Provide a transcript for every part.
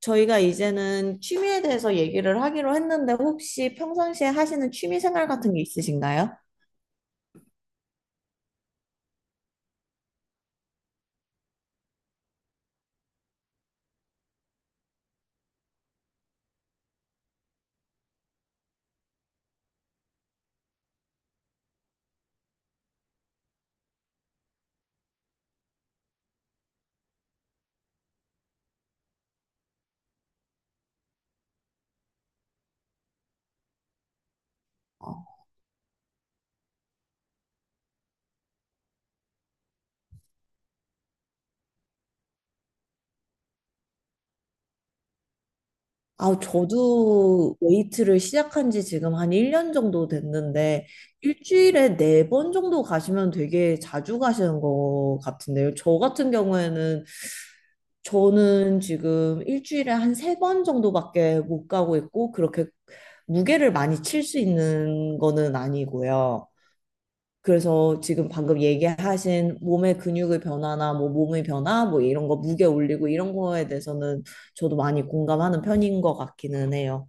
저희가 이제는 취미에 대해서 얘기를 하기로 했는데 혹시 평상시에 하시는 취미 생활 같은 게 있으신가요? 어. 아, 저도 웨이트를 시작한 지 지금 한 1년 정도 됐는데 일주일에 4번 정도 가시면 되게 자주 가시는 것 같은데요. 저 같은 경우에는 저는 지금 일주일에 한 세 번 정도밖에 못 가고 있고, 그렇게 무게를 많이 칠 수 있는 거는 아니고요. 그래서 지금 방금 얘기하신 몸의 근육의 변화나 뭐 몸의 변화, 뭐 이런 거 무게 올리고 이런 거에 대해서는 저도 많이 공감하는 편인 것 같기는 해요.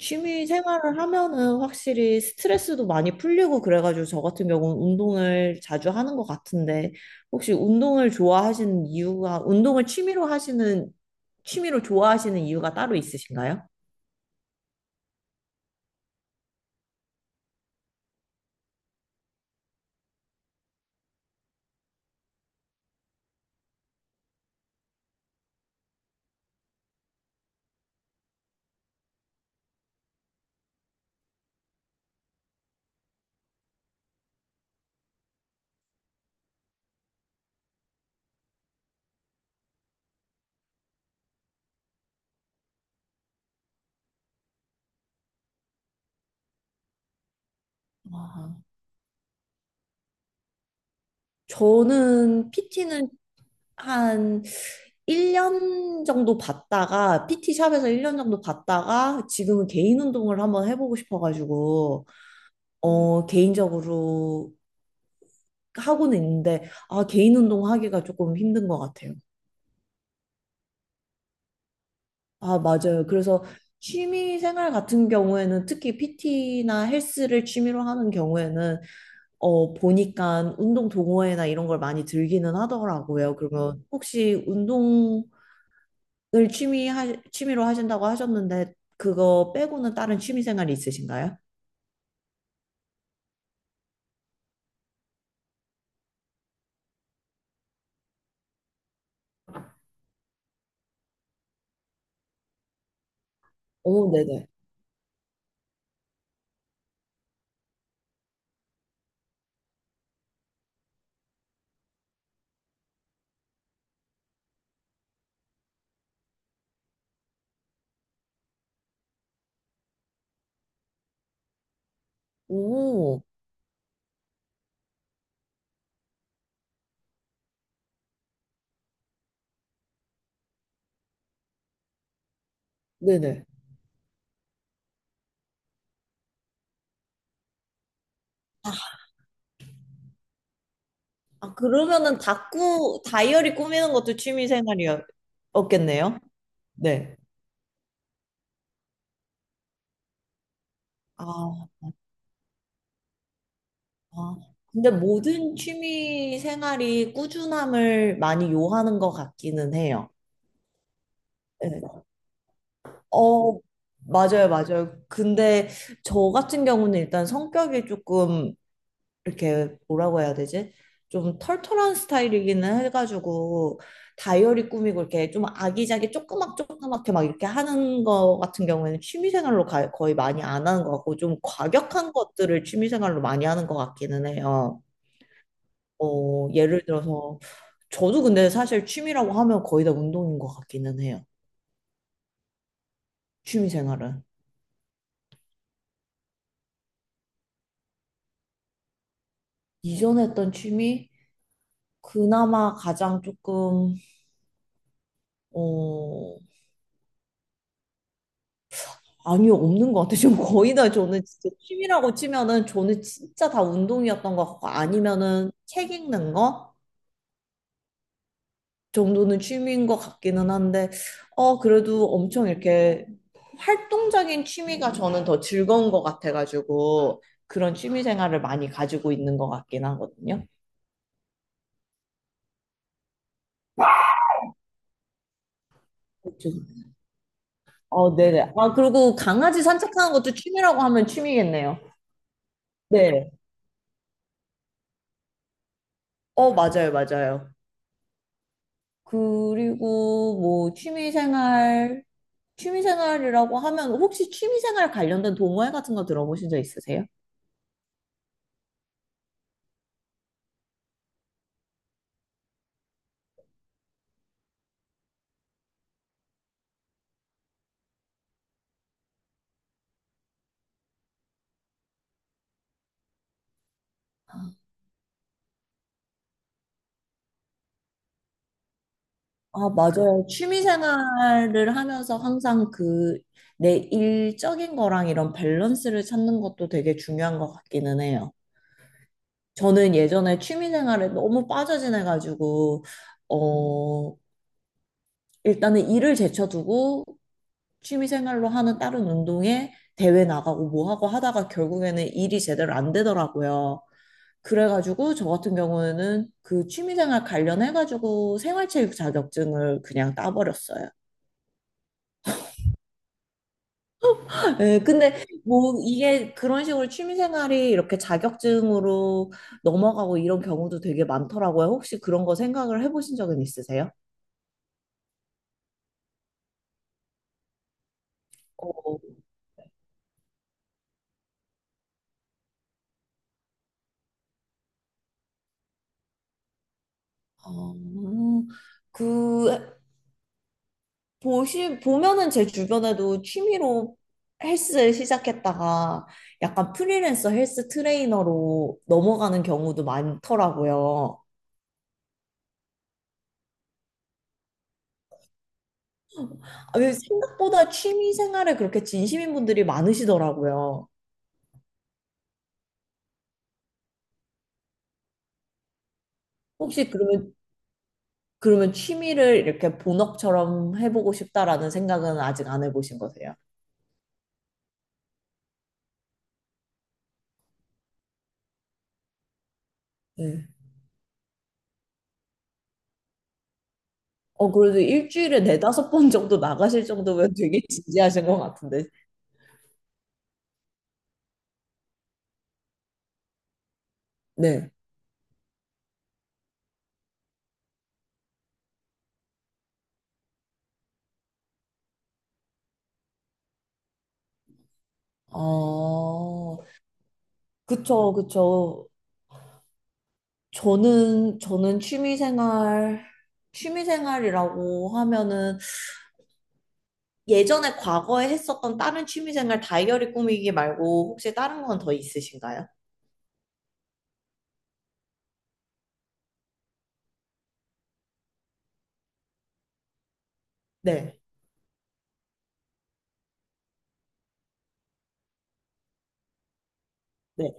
취미 생활을 하면은 확실히 스트레스도 많이 풀리고 그래가지고 저 같은 경우는 운동을 자주 하는 것 같은데 혹시 운동을 좋아하시는 이유가 운동을 취미로 하시는 취미로 좋아하시는 이유가 따로 있으신가요? 아, 저는 PT는 한 1년 정도 받다가 PT 샵에서 1년 정도 받다가 지금은 개인 운동을 한번 해보고 싶어가지고 어 개인적으로 하고는 있는데 아 개인 운동 하기가 조금 힘든 것 같아요. 아 맞아요. 그래서 취미 생활 같은 경우에는 특히 PT나 헬스를 취미로 하는 경우에는 어 보니까 운동 동호회나 이런 걸 많이 들기는 하더라고요. 그러면 혹시 운동을 취미로 하신다고 하셨는데 그거 빼고는 다른 취미 생활이 있으신가요? 오, 네네. 오, 네네. 아, 그러면은 다꾸, 다이어리 꾸미는 것도 취미 생활이었겠네요? 네. 아, 아. 근데 모든 취미 생활이 꾸준함을 많이 요하는 것 같기는 해요. 네. 어, 맞아요, 맞아요. 근데 저 같은 경우는 일단 성격이 조금 이렇게 뭐라고 해야 되지? 좀 털털한 스타일이기는 해가지고 다이어리 꾸미고 이렇게 좀 아기자기 조그맣게 막 이렇게 하는 거 같은 경우에는 취미생활로 거의 많이 안 하는 것 같고 좀 과격한 것들을 취미생활로 많이 하는 것 같기는 해요. 어, 예를 들어서, 저도 근데 사실 취미라고 하면 거의 다 운동인 것 같기는 해요. 취미 생활은. 이전에 했던 취미, 그나마 가장 조금, 어, 아니요, 없는 것 같아요. 지금 거의 다 저는 진짜 취미라고 치면은 저는 진짜 다 운동이었던 것 같고, 아니면은 책 읽는 거? 정도는 취미인 것 같기는 한데, 어, 그래도 엄청 이렇게 활동적인 취미가 저는 더 즐거운 것 같아가지고, 그런 취미 생활을 많이 가지고 있는 것 같긴 하거든요. 그쵸. 어, 네네. 아, 그리고 강아지 산책하는 것도 취미라고 하면 취미겠네요. 네. 어, 맞아요, 맞아요. 그리고 뭐 취미 생활, 취미 생활이라고 하면 혹시 취미 생활 관련된 동호회 같은 거 들어보신 적 있으세요? 아, 맞아요. 취미 생활을 하면서 항상 그 내 일적인 거랑 이런 밸런스를 찾는 것도 되게 중요한 것 같기는 해요. 저는 예전에 취미 생활에 너무 빠져 지내가지고, 어, 일단은 일을 제쳐두고 취미 생활로 하는 다른 운동에 대회 나가고 뭐 하고 하다가 결국에는 일이 제대로 안 되더라고요. 그래가지고 저 같은 경우에는 그 취미 생활 관련해가지고 생활체육 자격증을 그냥 따버렸어요. 예, 근데 뭐 이게 그런 식으로 취미생활이 이렇게 자격증으로 넘어가고 이런 경우도 되게 많더라고요. 혹시 그런 거 생각을 해보신 적은 있으세요? 어, 어, 그 보시 보면은 제 주변에도 취미로 헬스 시작했다가 약간 프리랜서 헬스 트레이너로 넘어가는 경우도 많더라고요. 아, 왜 생각보다 취미 생활에 그렇게 진심인 분들이 많으시더라고요. 혹시 그러면 취미를 이렇게 본업처럼 해보고 싶다라는 생각은 아직 안 해보신 거세요? 네. 어, 그래도 일주일에 네다섯 번 정도 나가실 정도면 되게 진지하신 것 같은데. 네. 어, 그쵸, 그쵸. 저는 취미생활이라고 하면은 예전에 과거에 했었던 다른 취미생활 다이어리 꾸미기 말고 혹시 다른 건 더 있으신가요? 네. 네.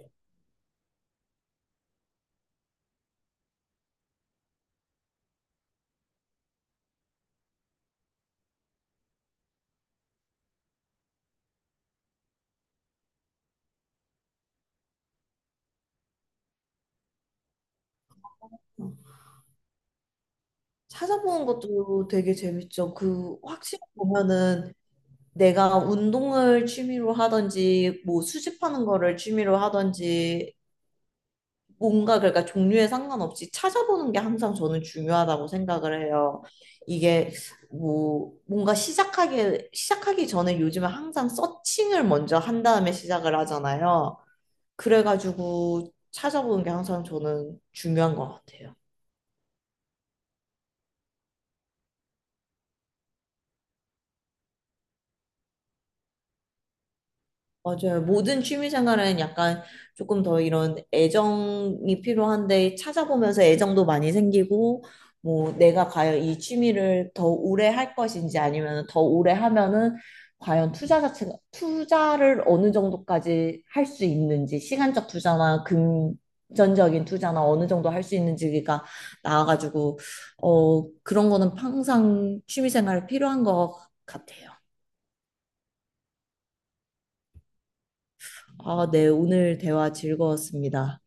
찾아보는 것도 되게 재밌죠. 그 확실히 보면은 내가 운동을 취미로 하든지 뭐 수집하는 거를 취미로 하든지 뭔가 그러니까 종류에 상관없이 찾아보는 게 항상 저는 중요하다고 생각을 해요. 이게 뭐 뭔가 시작하기 전에 요즘에 항상 서칭을 먼저 한 다음에 시작을 하잖아요. 그래가지고 찾아보는 게 항상 저는 중요한 것 같아요. 맞아요. 모든 취미생활은 약간 조금 더 이런 애정이 필요한데 찾아보면서 애정도 많이 생기고 뭐 내가 과연 이 취미를 더 오래 할 것인지 아니면 더 오래 하면은 과연 투자 자체가 투자를 어느 정도까지 할 수 있는지 시간적 투자나 금전적인 투자나 어느 정도 할 수 있는지가 나와가지고 어 그런 거는 항상 취미생활 필요한 것 같아요. 아, 네. 오늘 대화 즐거웠습니다.